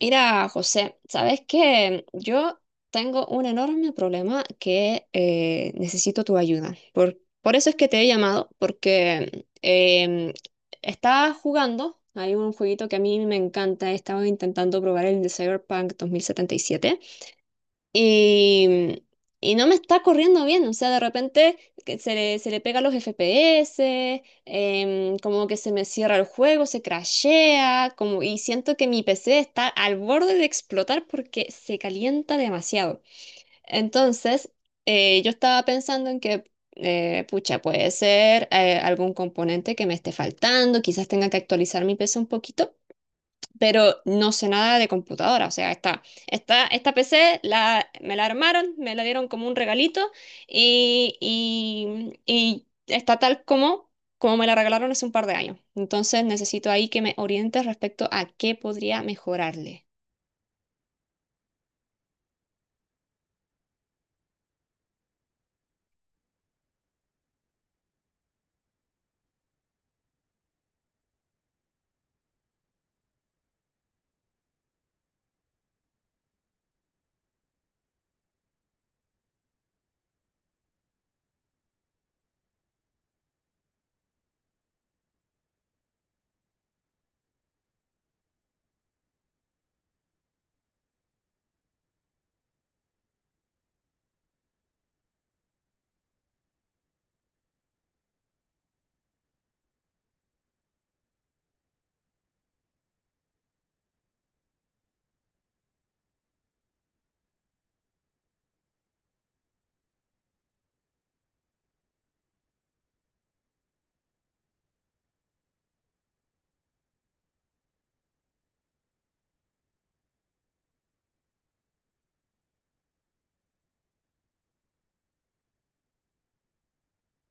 Mira, José, ¿sabes qué? Yo tengo un enorme problema que necesito tu ayuda. Por eso es que te he llamado, porque estaba jugando. Hay un jueguito que a mí me encanta. He estado intentando probar el de Cyberpunk 2077. Y, y no me está corriendo bien. O sea, de repente se le pega los FPS, como que se me cierra el juego, se crashea, como, y siento que mi PC está al borde de explotar porque se calienta demasiado. Entonces, yo estaba pensando en que, pucha, puede ser algún componente que me esté faltando. Quizás tenga que actualizar mi PC un poquito, pero no sé nada de computadora. O sea, esta PC me la armaron, me la dieron como un regalito, y está tal como me la regalaron hace un par de años. Entonces necesito ahí que me orientes respecto a qué podría mejorarle.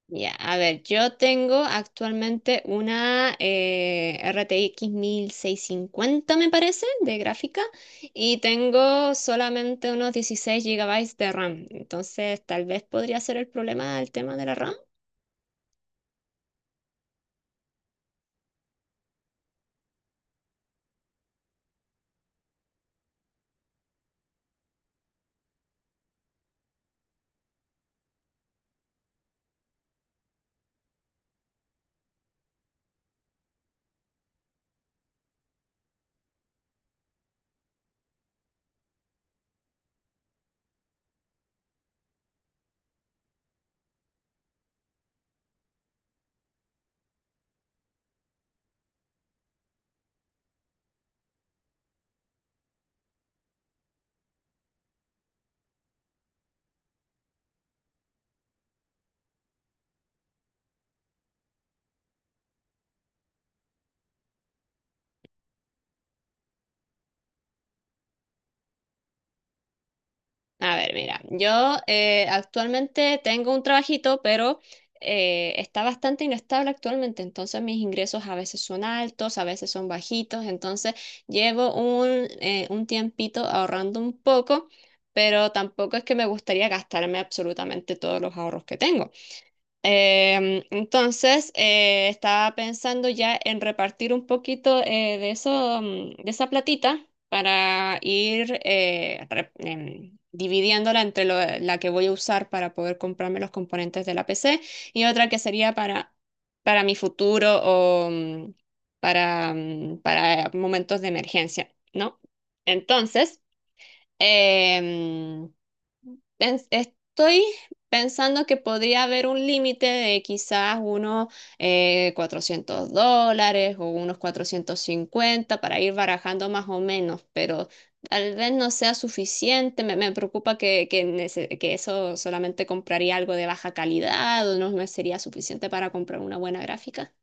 Ya, a ver, yo tengo actualmente una RTX 1650, me parece, de gráfica, y tengo solamente unos 16 gigabytes de RAM. Entonces, tal vez podría ser el problema el tema de la RAM. A ver, mira, yo actualmente tengo un trabajito, pero está bastante inestable actualmente. Entonces mis ingresos a veces son altos, a veces son bajitos. Entonces llevo un tiempito ahorrando un poco, pero tampoco es que me gustaría gastarme absolutamente todos los ahorros que tengo. Entonces, estaba pensando ya en repartir un poquito de eso, de esa platita para ir dividiéndola entre la que voy a usar para poder comprarme los componentes de la PC, y otra que sería para mi futuro o para momentos de emergencia, ¿no? Entonces, em, estoy pensando que podría haber un límite de quizás unos $400 o unos 450 para ir barajando más o menos, pero tal vez no sea suficiente. Me preocupa que eso solamente compraría algo de baja calidad o no me sería suficiente para comprar una buena gráfica.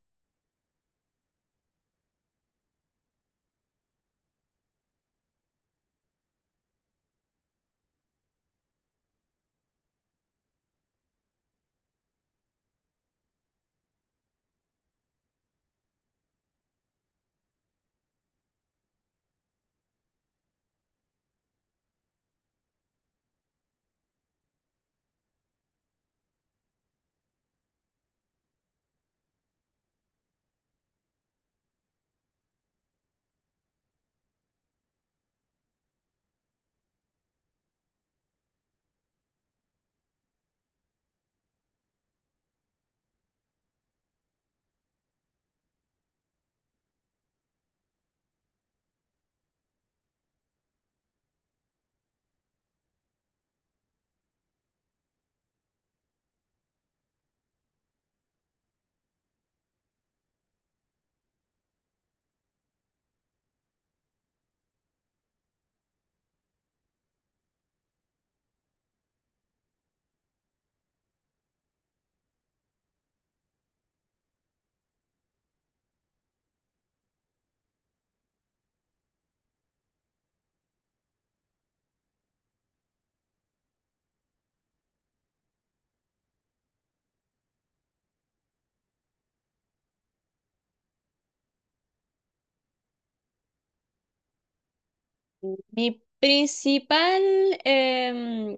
Mi principal em,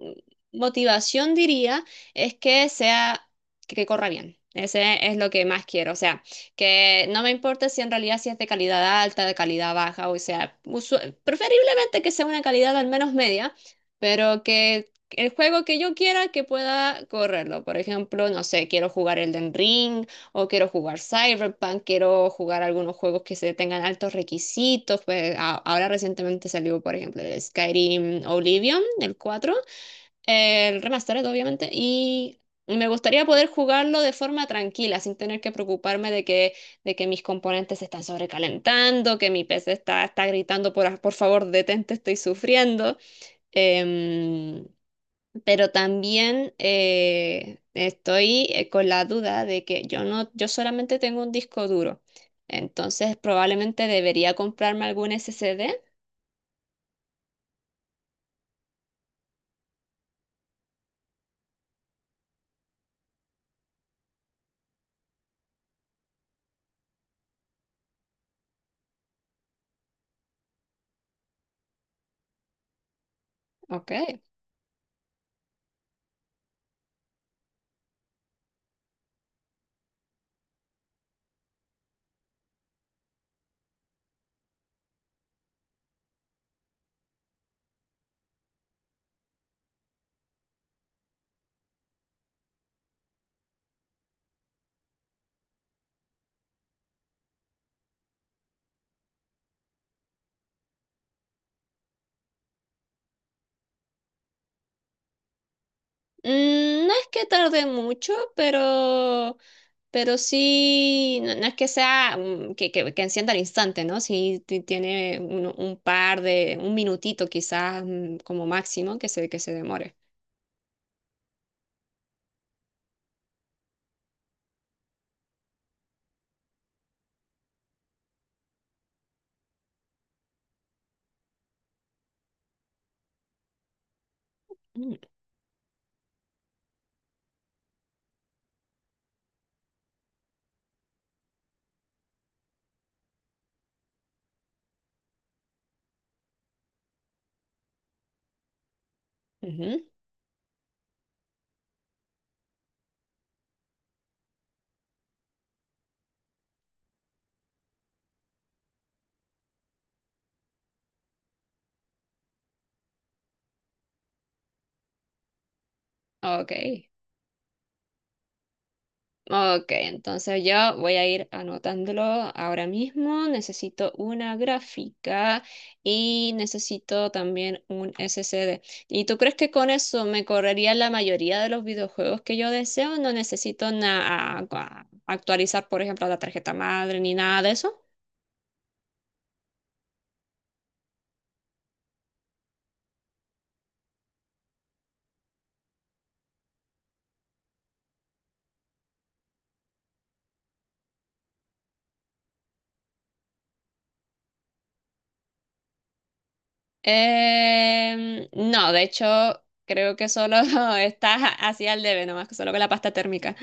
motivación, diría, es que sea, que corra bien. Ese es lo que más quiero. O sea, que no me importe si en realidad, si es de calidad alta, de calidad baja. O sea, preferiblemente que sea una calidad al menos media, pero que el juego que yo quiera que pueda correrlo. Por ejemplo, no sé, quiero jugar Elden Ring o quiero jugar Cyberpunk. Quiero jugar algunos juegos que se tengan altos requisitos. Pues ahora recientemente salió, por ejemplo, el Skyrim Oblivion, el cuatro, el remastered, obviamente, y me gustaría poder jugarlo de forma tranquila, sin tener que preocuparme de que mis componentes se están sobrecalentando, que mi PC está gritando, por favor, detente, estoy sufriendo. Em, pero también estoy con la duda de que yo no, yo solamente tengo un disco duro. Entonces probablemente debería comprarme algún SSD. Ok. Mm, no es que tarde mucho, pero sí. No, no es que sea que encienda al instante, ¿no? Sí, tiene un minutito quizás, como máximo que que se demore. Mm, ujú. Ok. Ok, entonces yo voy a ir anotándolo ahora mismo. Necesito una gráfica y necesito también un SSD. ¿Y tú crees que con eso me correría la mayoría de los videojuegos que yo deseo? No necesito actualizar, por ejemplo, la tarjeta madre ni nada de eso. No, de hecho, creo que solo está así al debe, nomás que solo con la pasta térmica.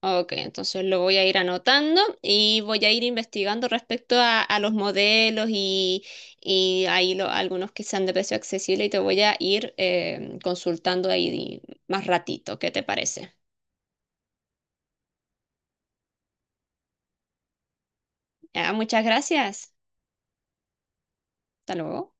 Ok, entonces lo voy a ir anotando y voy a ir investigando respecto a los modelos, y ahí algunos que sean de precio accesible, y te voy a ir consultando ahí más ratito. ¿Qué te parece? Ah, muchas gracias. Hasta luego.